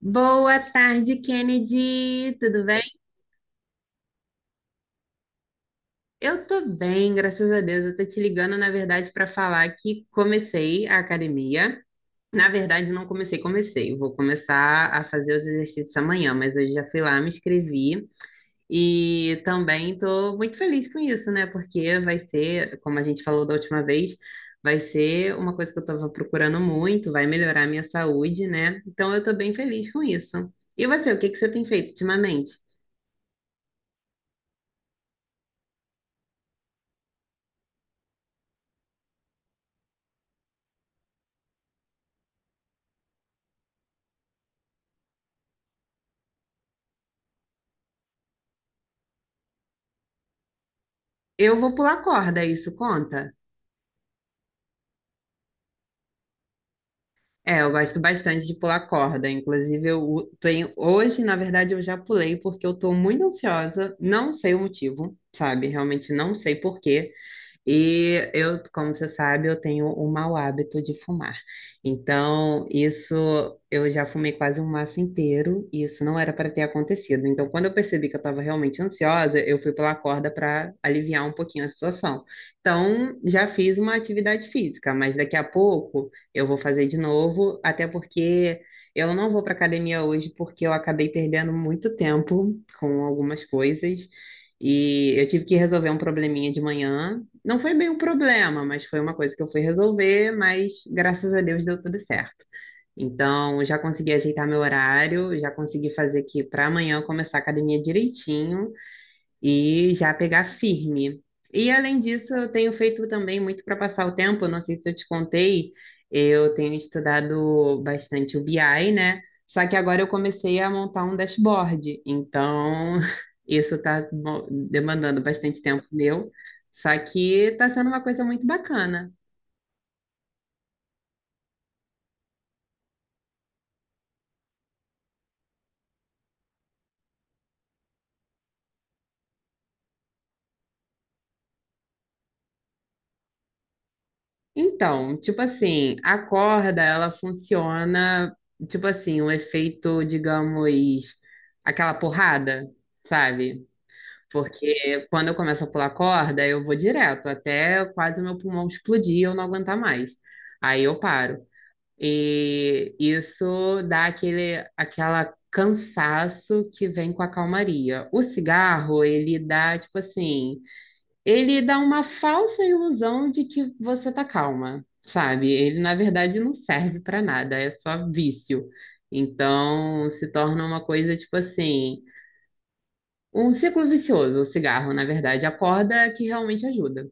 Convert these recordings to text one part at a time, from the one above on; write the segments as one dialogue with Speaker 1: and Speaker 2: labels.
Speaker 1: Boa tarde, Kennedy. Tudo bem? Eu tô bem, graças a Deus. Eu tô te ligando, na verdade, para falar que comecei a academia. Na verdade, não comecei, comecei. Eu vou começar a fazer os exercícios amanhã, mas hoje já fui lá, me inscrevi e também tô muito feliz com isso, né? Porque vai ser, como a gente falou da última vez, vai ser uma coisa que eu tava procurando muito, vai melhorar a minha saúde, né? Então eu tô bem feliz com isso. E você, o que que você tem feito ultimamente? Eu vou pular corda, isso conta? É, eu gosto bastante de pular corda. Inclusive, tenho. Hoje, na verdade, eu já pulei porque eu tô muito ansiosa. Não sei o motivo, sabe? Realmente não sei por quê. E eu, como você sabe, eu tenho o mau hábito de fumar. Então, isso eu já fumei quase um maço inteiro e isso não era para ter acontecido. Então, quando eu percebi que eu estava realmente ansiosa, eu fui pela corda para aliviar um pouquinho a situação. Então, já fiz uma atividade física, mas daqui a pouco. Eu vou fazer de novo, até porque eu não vou para academia hoje porque eu acabei perdendo muito tempo com algumas coisas e eu tive que resolver um probleminha de manhã. Não foi bem um problema, mas foi uma coisa que eu fui resolver, mas graças a Deus deu tudo certo. Então, já consegui ajeitar meu horário, já consegui fazer aqui para amanhã eu começar a academia direitinho e já pegar firme. E além disso, eu tenho feito também muito para passar o tempo. Eu não sei se eu te contei, eu tenho estudado bastante o BI, né? Só que agora eu comecei a montar um dashboard, então isso está demandando bastante tempo meu, só que está sendo uma coisa muito bacana. Então, tipo assim, a corda, ela funciona, tipo assim, um efeito, digamos, aquela porrada, sabe? Porque quando eu começo a pular corda, eu vou direto, até quase o meu pulmão explodir e eu não aguentar mais. Aí eu paro. E isso dá aquele, aquela cansaço que vem com a calmaria. O cigarro, ele dá, tipo assim, ele dá uma falsa ilusão de que você tá calma, sabe? Ele, na verdade, não serve pra nada, é só vício. Então, se torna uma coisa, tipo assim. Um ciclo vicioso, o cigarro, na verdade, a corda que realmente ajuda.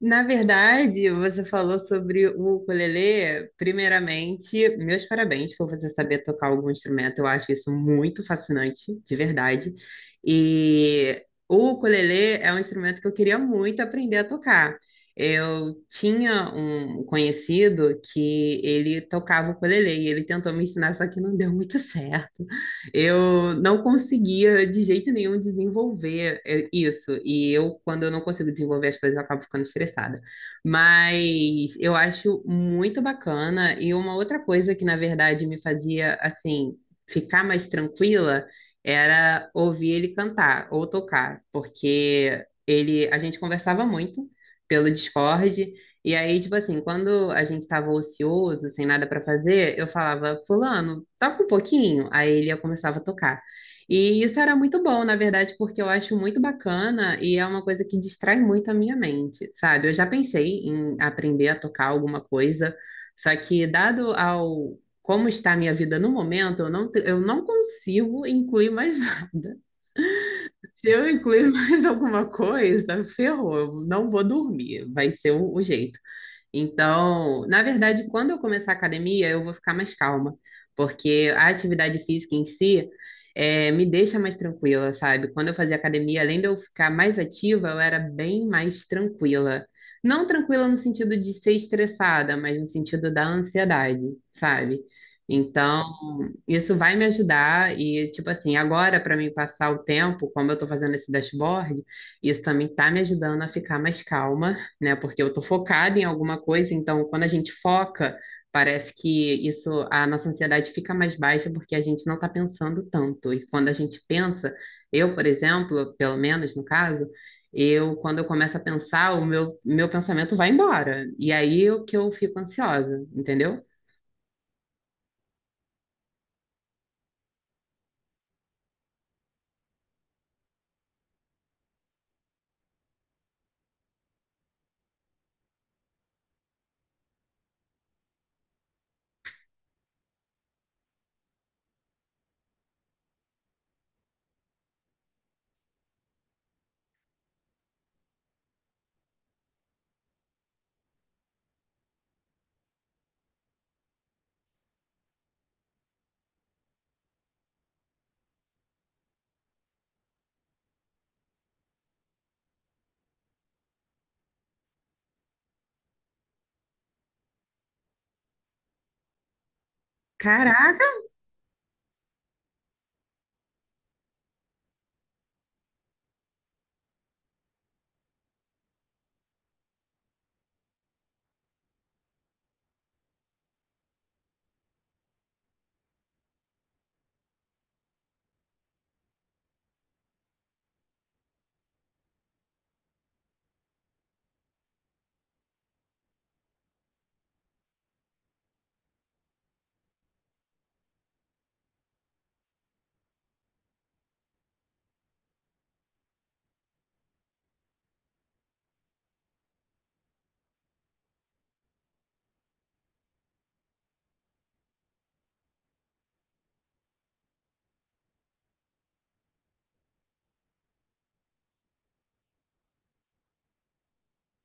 Speaker 1: Na verdade, você falou sobre o ukulele. Primeiramente, meus parabéns por você saber tocar algum instrumento. Eu acho isso muito fascinante, de verdade. E o ukulele é um instrumento que eu queria muito aprender a tocar. Eu tinha um conhecido que ele tocava ukulele e ele tentou me ensinar, só que não deu muito certo. Eu não conseguia de jeito nenhum desenvolver isso. E eu, quando eu não consigo desenvolver as coisas, eu acabo ficando estressada. Mas eu acho muito bacana. E uma outra coisa que, na verdade, me fazia, assim, ficar mais tranquila era ouvir ele cantar ou tocar, porque ele, a gente conversava muito pelo Discord. E aí, tipo assim, quando a gente estava ocioso, sem nada para fazer, eu falava, Fulano, toca um pouquinho, aí ele eu começava a tocar. E isso era muito bom, na verdade, porque eu acho muito bacana e é uma coisa que distrai muito a minha mente, sabe? Eu já pensei em aprender a tocar alguma coisa, só que dado ao como está a minha vida no momento, eu não consigo incluir mais nada. Se eu incluir mais alguma coisa, ferrou, eu não vou dormir, vai ser o jeito. Então, na verdade, quando eu começar a academia, eu vou ficar mais calma, porque a atividade física em si me deixa mais tranquila, sabe? Quando eu fazia academia, além de eu ficar mais ativa, eu era bem mais tranquila. Não tranquila no sentido de ser estressada, mas no sentido da ansiedade, sabe? Então isso vai me ajudar e, tipo assim, agora para mim passar o tempo, como eu tô fazendo esse dashboard, isso também tá me ajudando a ficar mais calma, né? Porque eu tô focada em alguma coisa, então quando a gente foca, parece que isso, a nossa ansiedade fica mais baixa porque a gente não tá pensando tanto. E quando a gente pensa, eu, por exemplo, pelo menos no caso, eu, quando eu começo a pensar, o meu pensamento vai embora. E aí é o que eu fico ansiosa, entendeu? Caraca!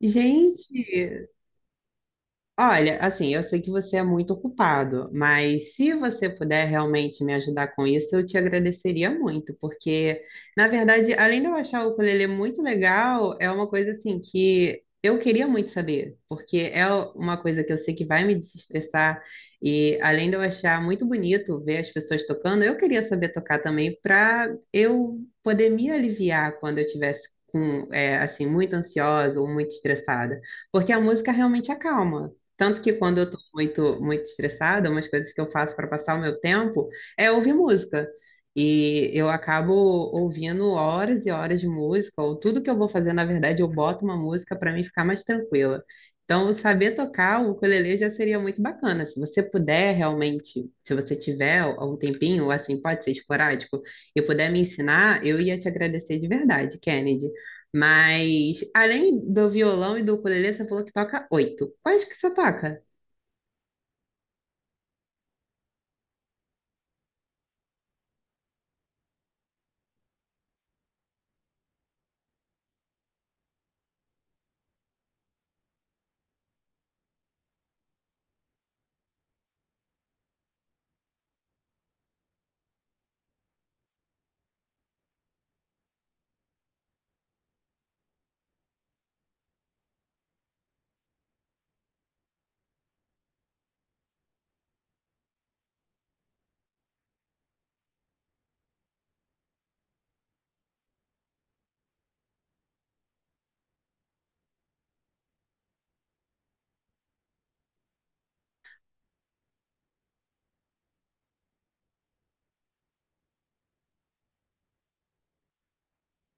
Speaker 1: Gente, olha, assim, eu sei que você é muito ocupado, mas se você puder realmente me ajudar com isso, eu te agradeceria muito, porque, na verdade, além de eu achar o ukulele muito legal, é uma coisa assim que eu queria muito saber, porque é uma coisa que eu sei que vai me desestressar, e além de eu achar muito bonito ver as pessoas tocando, eu queria saber tocar também para eu poder me aliviar quando eu tivesse com, é, assim, muito ansiosa ou muito estressada. Porque a música realmente acalma. Tanto que quando eu tô muito, muito estressada, umas coisas que eu faço para passar o meu tempo é ouvir música. E eu acabo ouvindo horas e horas de música, ou tudo que eu vou fazer, na verdade, eu boto uma música para mim ficar mais tranquila. Então, saber tocar o ukulele já seria muito bacana. Se você puder realmente, se você tiver algum tempinho, assim, pode ser esporádico, e puder me ensinar, eu ia te agradecer de verdade, Kennedy. Mas, além do violão e do ukulele, você falou que toca 8. Quais que você toca?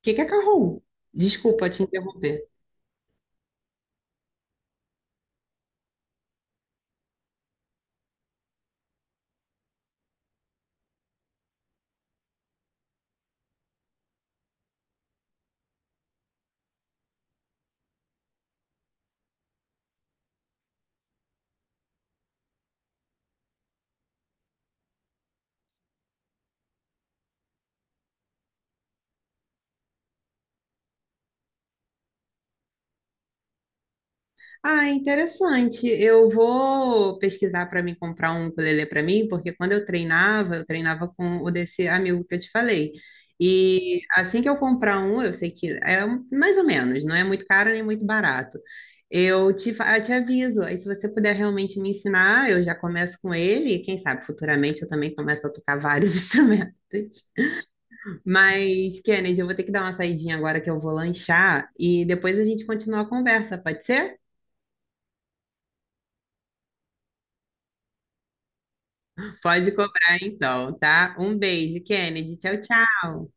Speaker 1: O que que é carrom? Desculpa te interromper. Ah, interessante. Eu vou pesquisar para me comprar um ukulele para mim, porque quando eu treinava com o desse amigo que eu te falei. E assim que eu comprar um, eu sei que mais ou menos, não é muito caro nem muito barato. Eu te aviso. Aí, se você puder realmente me ensinar, eu já começo com ele. E quem sabe futuramente eu também começo a tocar vários instrumentos. Mas, Kennedy, eu vou ter que dar uma saidinha agora que eu vou lanchar e depois a gente continua a conversa, pode ser? Pode cobrar então, tá? Um beijo, Kennedy. Tchau, tchau.